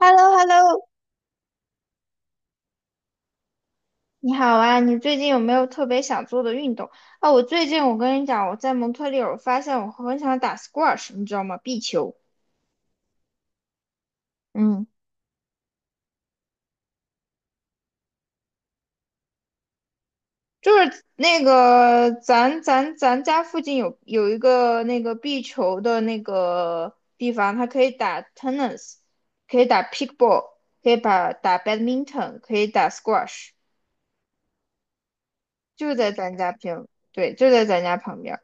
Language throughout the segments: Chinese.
h e l l o h e l l o 你好啊！你最近有没有特别想做的运动？啊，我最近我跟你讲，我在蒙特利尔发现我很想打 squash，你知道吗？壁球，嗯，就是那个咱家附近有一个那个壁球的那个地方，它可以打 tennis，可以打 pickleball，可以把打 badminton，可以打 squash，就在咱家平，对，就在咱家旁边。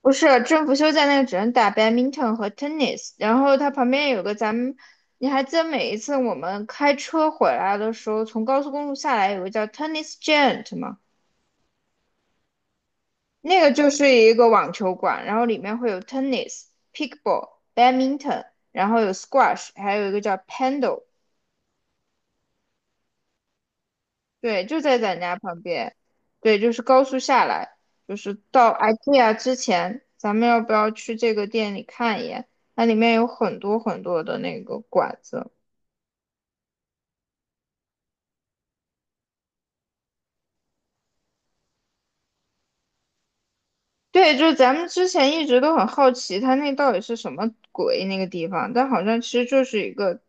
不是，政府休假那个只能打 badminton 和 tennis，然后它旁边有个咱们，你还记得每一次我们开车回来的时候，从高速公路下来有个叫 tennis giant 吗？那个就是一个网球馆，然后里面会有 tennis、pickleball、badminton，然后有 squash，还有一个叫 paddle。对，就在咱家旁边，对，就是高速下来，就是到 IKEA 之前，咱们要不要去这个店里看一眼？它里面有很多很多的那个馆子。对，就是咱们之前一直都很好奇，它那到底是什么鬼那个地方，但好像其实就是一个，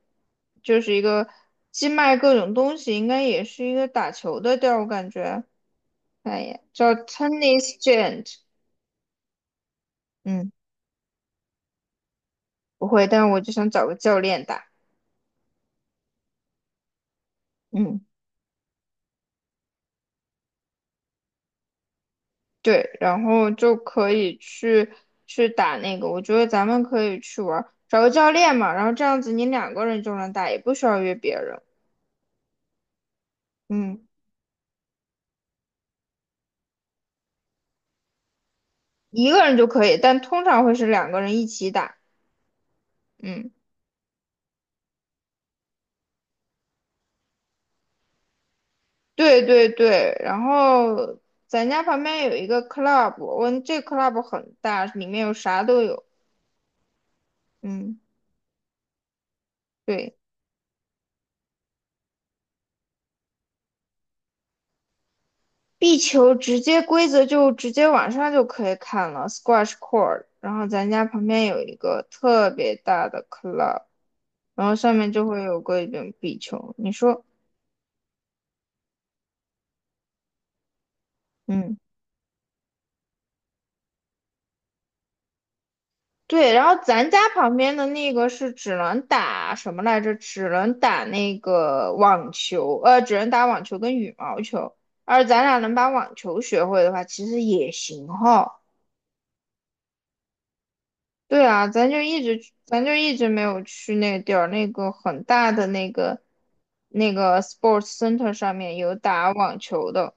就是一个既卖各种东西，应该也是一个打球的地儿，我感觉。看一眼，叫 Tennis Giant，嗯，不会，但是我就想找个教练打，嗯。对，然后就可以去打那个，我觉得咱们可以去玩儿，找个教练嘛，然后这样子你两个人就能打，也不需要约别人，嗯，一个人就可以，但通常会是两个人一起打，嗯，对对对，然后咱家旁边有一个 club，我这 club 很大，里面有啥都有，嗯，对，壁球直接规则就直接网上就可以看了，squash court。然后咱家旁边有一个特别大的 club，然后上面就会有个一种壁球。你说，嗯，对。然后咱家旁边的那个是只能打什么来着？只能打那个网球，只能打网球跟羽毛球。而咱俩能把网球学会的话，其实也行哈。对啊，咱就一直，咱就一直没有去那个地儿，那个很大的那个那个 sports center 上面有打网球的。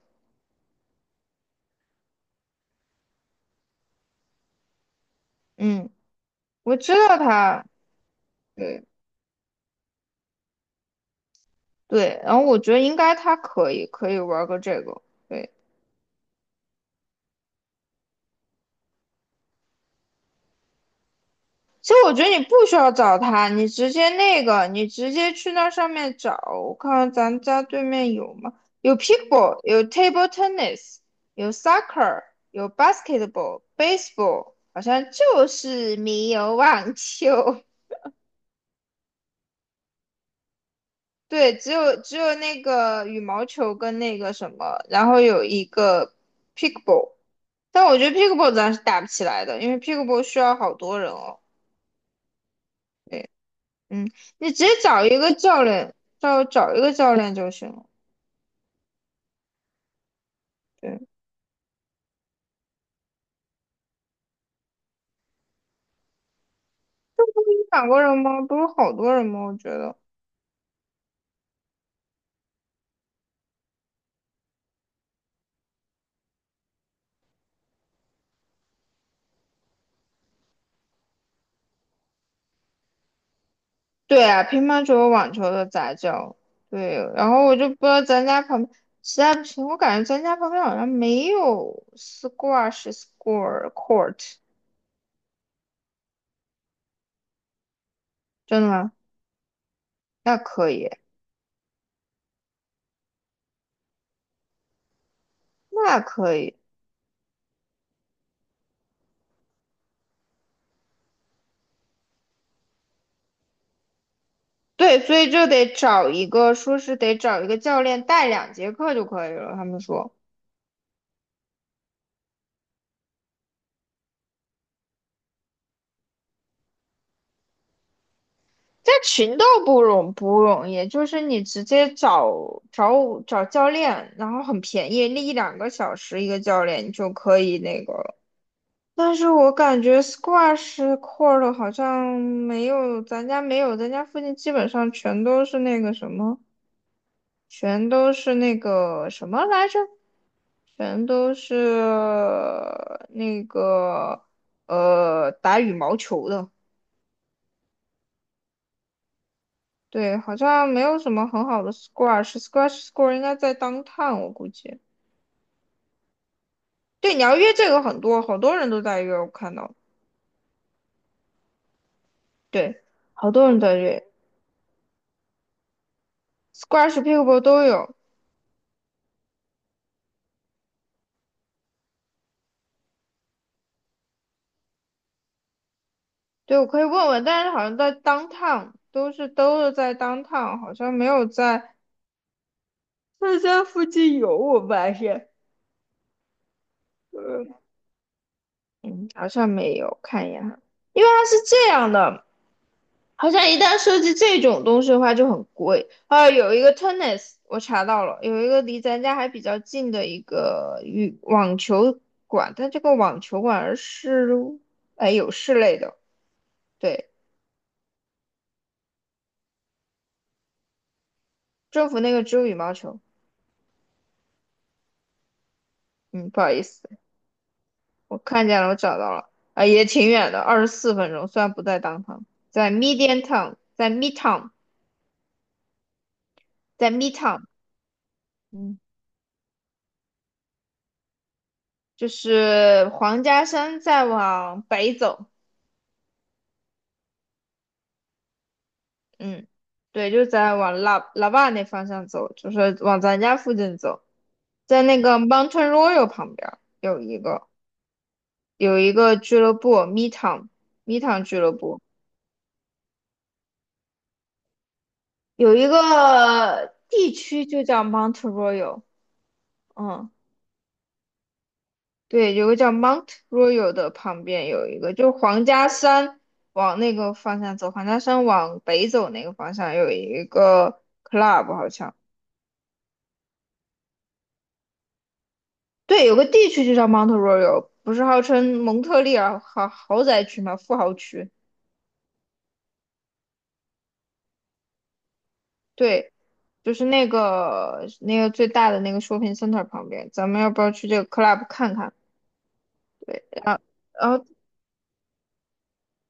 嗯，我知道他。对。对，然后我觉得应该他可以玩个这个。对，其实我觉得你不需要找他，你直接那个，你直接去那上面找。我看看咱家对面有吗？有 p i c k l e b a 有 table tennis，有 soccer，有 basketball、baseball，好像就是没有网球。对，只有那个羽毛球跟那个什么，然后有一个 pickleball，但我觉得 pickleball 咱是打不起来的，因为 pickleball 需要好多人哦。嗯，你直接找一个教练，找一个教练就行了。对，你两过人吗？不是好多人吗？我觉得。对啊，乒乓球和网球的杂交。对，然后我就不知道咱家旁边，实在不行，我感觉咱家旁边好像没有 squash score court，真的吗？那可以。那可以，对，所以就得找一个，说是得找一个教练带两节课就可以了。他们说，在群都不容易，就是你直接找教练，然后很便宜，那一两个小时一个教练你就可以那个了。但是我感觉 squash court 好像没有，咱家没有，咱家附近基本上全都是那个什么，全都是那个什么来着？全都是那个打羽毛球的，对，好像没有什么很好的 squash，squash s c o r e 应该在 downtown 我估计。对，你要约这个很多，好多人都在约，我看到，对，好多人在约，squash、pickleball 都有。对，我可以问问，但是好像在 downtown 都是在 downtown，好像没有在在家附近有，我发现，嗯嗯，好像没有，看一眼哈。因为它是这样的，好像一旦涉及这种东西的话就很贵。啊，有一个 tennis，我查到了，有一个离咱家还比较近的一个羽网球馆，但这个网球馆是哎有室内的，对，政府那个只有羽毛球。嗯，不好意思，我看见了，我找到了，啊，也挺远的，24分钟，虽然不在 downtown，在 Midtown，在 Midtown，在 Midtown，嗯，就是黄家山再往北走。嗯，对，就在往拉拉瓦那方向走，就是往咱家附近走，在那个 Mountain Royal 旁边儿有一个有一个俱乐部，Midtown Midtown 俱乐部有一个地区就叫 Mount Royal，嗯，对，有个叫 Mount Royal 的旁边有一个，就是皇家山往那个方向走，皇家山往北走那个方向有一个 club 好像。对，有个地区就叫 Mount Royal，不是号称蒙特利尔豪宅区吗？富豪区。对，就是那个那个最大的那个 shopping center 旁边。咱们要不要去这个 club 看看？然后，然后，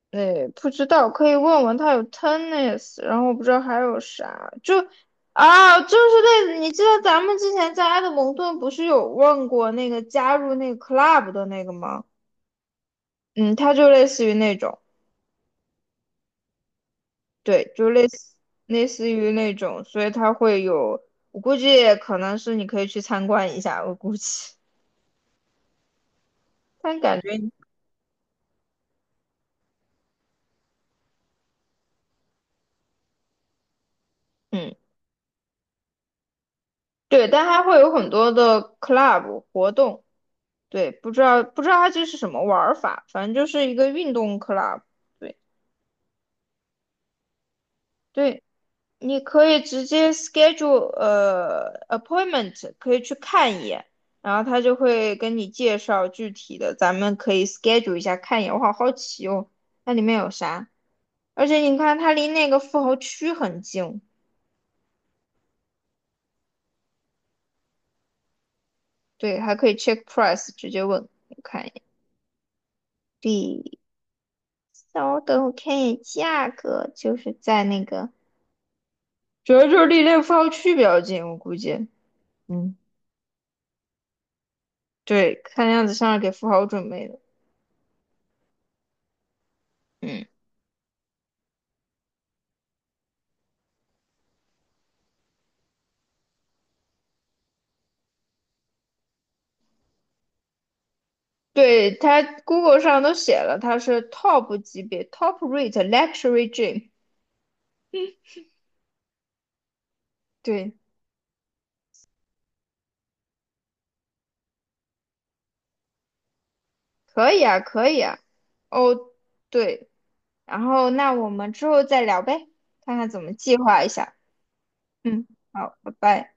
对，不知道，可以问问他有 tennis，然后我不知道还有啥，就啊，就是那，你记得咱们之前在埃德蒙顿不是有问过那个加入那个 club 的那个吗？嗯，它就类似于那种。对，就类似类似于那种，所以它会有，我估计可能是你可以去参观一下，我估计，但感觉，嗯，对，但它会有很多的 club 活动，对，不知道它这是什么玩儿法，反正就是一个运动 club，对对。你可以直接 schedule appointment，可以去看一眼，然后他就会跟你介绍具体的，咱们可以 schedule 一下看一眼。我好好奇哦，那里面有啥？而且你看，它离那个富豪区很近，对，还可以 check price，直接问，我看一眼。稍等，我看一眼价格，就是在那个，主要就是离那个富豪区比较近，我估计，嗯，对，看样子像是给富豪准备的。嗯。对，它 Google 上都写了，它是 top 级别，top rate luxury gym。对，可以啊，可以啊。哦，对，然后那我们之后再聊呗，看看怎么计划一下。嗯，好，拜拜。